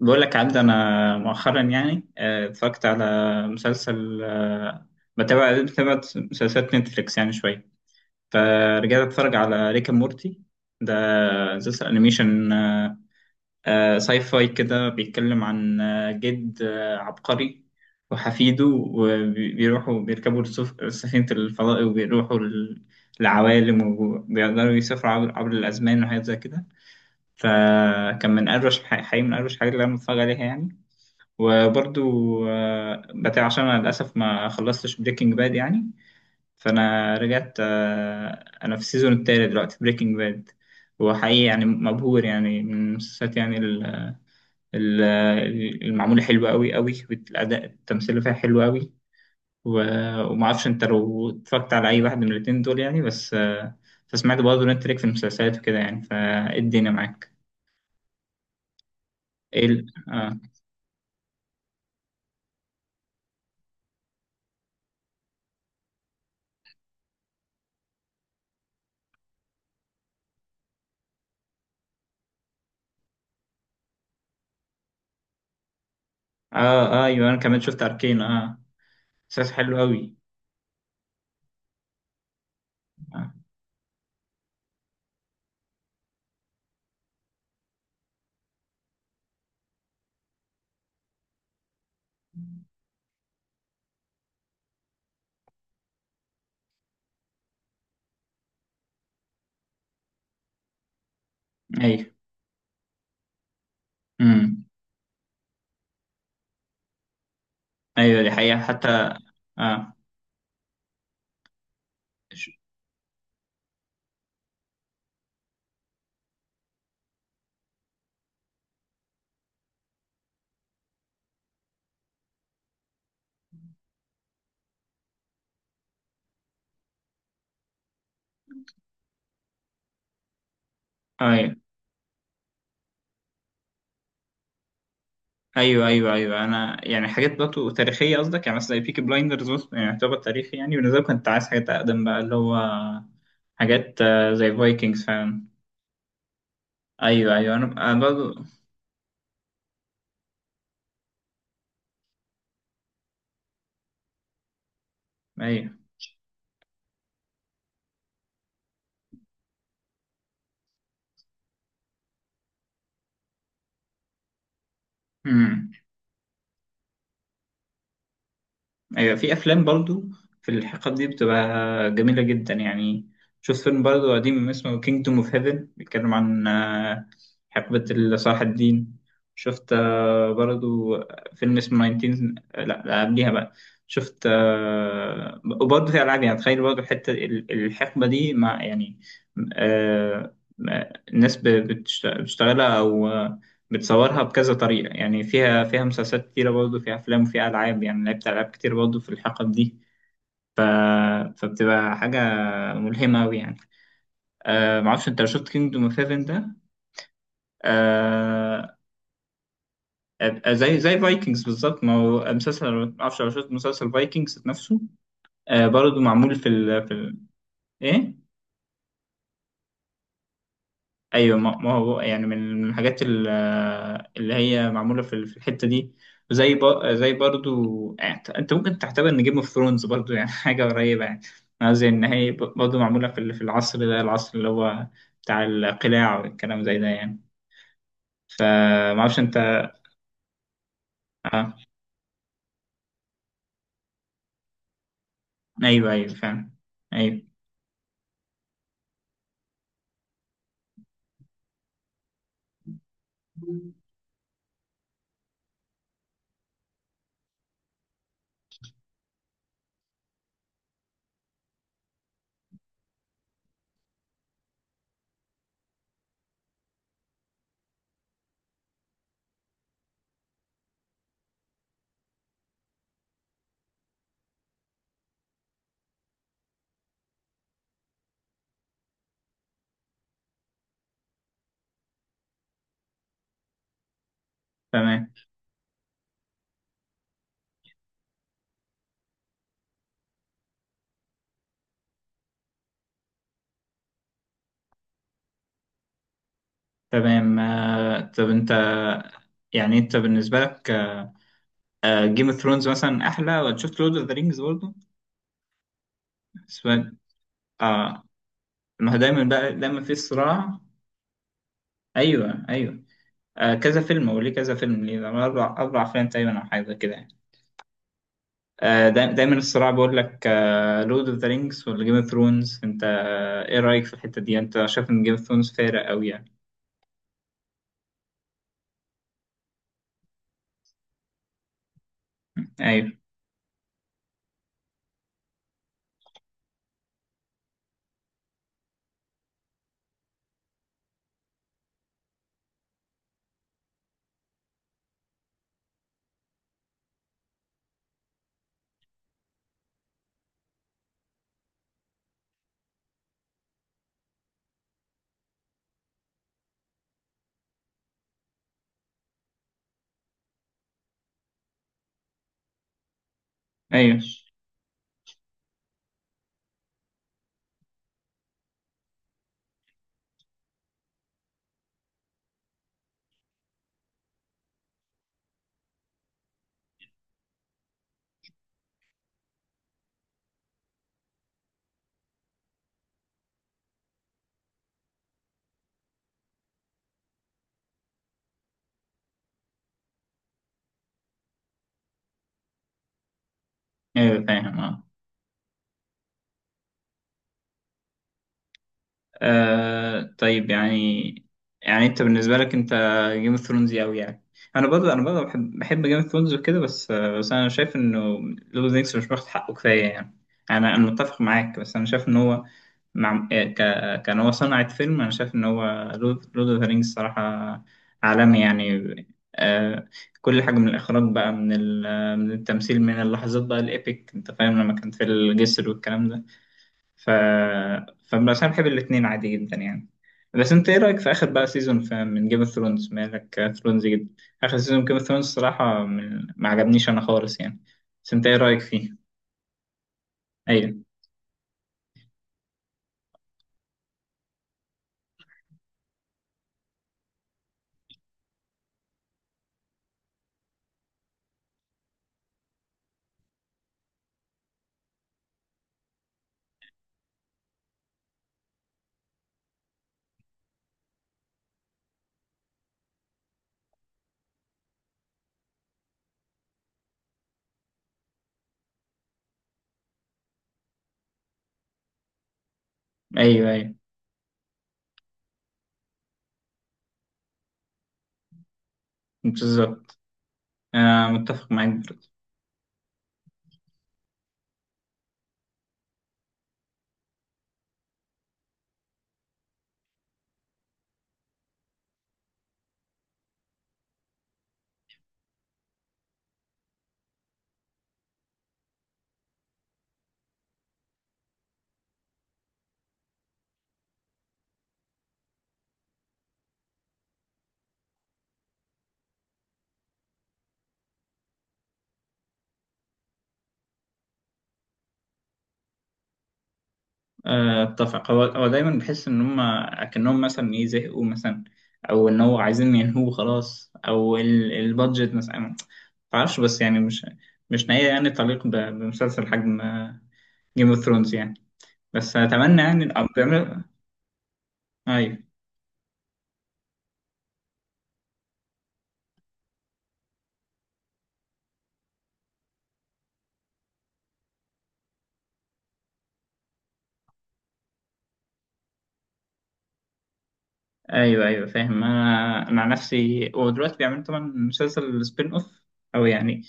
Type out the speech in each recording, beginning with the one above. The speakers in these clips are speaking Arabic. بقول لك عبد، انا مؤخرا يعني اتفرجت على مسلسل. بتابع مسلسلات نتفليكس يعني شويه. فرجعت اتفرج على ريك اند مورتي ده، مسلسل انيميشن. ساي فاي كده، بيتكلم عن جد عبقري وحفيده، وبيروحوا بيركبوا سفينة الفضاء، وبيروحوا العوالم، وبيقدروا يسافروا عبر الأزمان، وحاجات زي كده. فكان من أروش، الحقيقة، من أروش الحاجات اللي أنا متفرج عليها يعني. وبرضو بتاع، عشان انا للاسف ما خلصتش بريكنج باد يعني. فانا رجعت انا في السيزون التالت دلوقتي بريكنج باد. وحقيقي يعني مبهور يعني من المسلسلات يعني ال- المعمولة حلوة قوي قوي، والاداء التمثيل فيها حلو قوي. وما اعرفش انت لو اتفرجت على اي واحد من الاتنين دول يعني، بس فسمعت برضه ان انت ليك في المسلسلات وكده يعني، فايه الدنيا معاك؟ ايه، اه، اه، ايوه، انا كمان شفت اركين. اه، مسلسل حلو قوي. آه. ايوه. امم. ايوه، دي حقيقة حتى. اه، ش- ايوه، ايوه، ايوه، ايوه، انا يعني حاجات برضه تاريخية قصدك، يعني مثلا بيكي بلايندرز يعني يعتبر تاريخي يعني بالنسبة لي. كنت عايز حاجات اقدم بقى، اللي هو حاجات زي فايكنجز فعلا. ايوه، ايوه، انا برضه. ايوه. امم. أيوة. في أفلام برضو في الحقب دي بتبقى جميلة جدا يعني. شوف فيلم برضو قديم اسمه Kingdom of Heaven، بيتكلم عن حقبة صلاح الدين. شفت برضو فيلم اسمه 19، لا، لا، قبليها بقى. شفت وبرضو في ألعاب، يعني تخيل برضو الحقبة دي مع يعني آه، الناس بتشتغلها أو بتصورها بكذا طريقة يعني، فيها مسلسلات كتيرة برضه، فيها أفلام، وفيها ألعاب. يعني لعبت ألعاب كتير برضه في الحقب دي. ف... فبتبقى حاجة ملهمة أوي يعني. آه، معرفش أنت لو شفت كينجدوم اوف هيفن ده. آه زي فايكنجز بالظبط، ما هو مسلسل، معرفش لو شفت مسلسل فايكنجز نفسه. آه، برضه معمول إيه؟ ايوه، ما هو يعني من الحاجات اللي هي معموله في الحته دي. زي ب... زي برضو يعني انت ممكن تعتبر ان جيم اوف ثرونز برضو يعني حاجه قريبه يعني. قصدي ان هي برضو معموله في العصر ده، العصر اللي هو بتاع القلاع والكلام زي ده يعني. فما اعرفش انت. آه. ايوه، ايوه، فعلا. ايوه. تمام، تمام. طب انت، يعني انت بالنسبه لك، جيم اوف ثرونز مثلا احلى، ولا شفت لورد اوف ذا رينجز برضو؟ سؤال. اه. ما هو دايما بقى دايما في صراع. ايوه، ايوه. كذا فيلم، هو ليه كذا فيلم، ليه ده اربع افلام تقريبا او حاجه كده يعني. آه، دايما الصراع بيقول لك لورد اوف ذا رينجز ولا جيم اوف ثرونز. انت ايه رايك في الحته دي يعني، انت شايف ان جيم اوف ثرونز فارق قوي يعني؟ ايوه، ايوه، ايوه، فاهم. اه. طيب يعني، يعني انت بالنسبة لك، انت جيم اوف ثرونز قوي يعني. انا برضه بحب جيم اوف ثرونز وكده، بس بس انا شايف انه لوب نيكس مش واخد حقه كفاية يعني. انا متفق معاك، بس انا شايف ان هو مع كان هو صنعة فيلم. انا شايف ان هو لورد اوف ذا رينجز صراحة عالمي يعني. آه، كل حاجة من الاخراج بقى، من من التمثيل، من اللحظات بقى الايبك. انت فاهم لما كان في الجسر والكلام ده. ف فبس انا بحب الاثنين عادي جدا يعني. بس انت ايه رايك في اخر بقى سيزون من جيم اوف ثرونز؟ مالك ثرونز جدا. اخر سيزون جيم اوف ثرونز الصراحه ما عجبنيش انا خالص يعني. بس انت ايه رايك فيه؟ ايوه، ايوه، ايوه، بالظبط. آه، متفق معاك برضه. آه، اتفق. هو دايما بحس ان هم اكنهم مثلا ايه، زهقوا مثلا، او ان هو عايزين ينهوه خلاص، او البادجت مثلا ما اعرفش. بس يعني مش، مش نهايه يعني تليق بمسلسل حجم جيم اوف ثرونز يعني. بس اتمنى يعني الاب بيعمل. ايوه، ايوه، ايوه، فاهم. انا عن نفسي، هو دلوقتي بيعملوا طبعا مسلسل سبين اوف، او يعني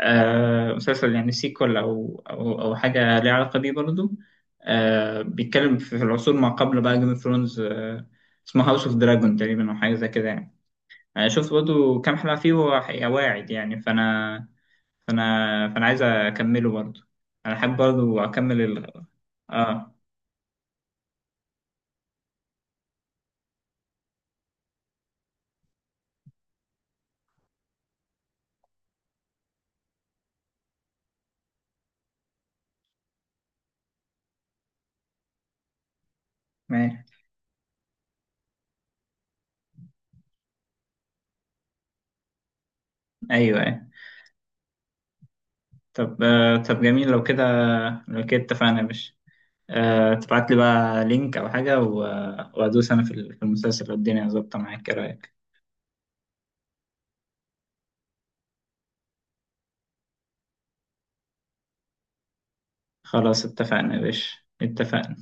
مسلسل يعني سيكول، او حاجه ليها علاقه بيه برضه. آه، بيتكلم في العصور ما قبل بقى جيم اوف ثرونز. آه، اسمه هاوس اوف دراجون تقريبا، او حاجه زي كده يعني. انا شفت برضه كام حلقه فيه، وهو حقيقة واعد يعني. فانا فانا عايز اكمله برضه. انا حابب برضه اكمل اه. ماشي. ايوه. أيوة. طب طب جميل. لو كده اتفقنا يا باشا. تبعت لي بقى لينك أو حاجة، وأدوس أنا في المسلسل، والدنيا ظابطة معاك. إيه رأيك؟ خلاص، اتفقنا يا باشا، اتفقنا.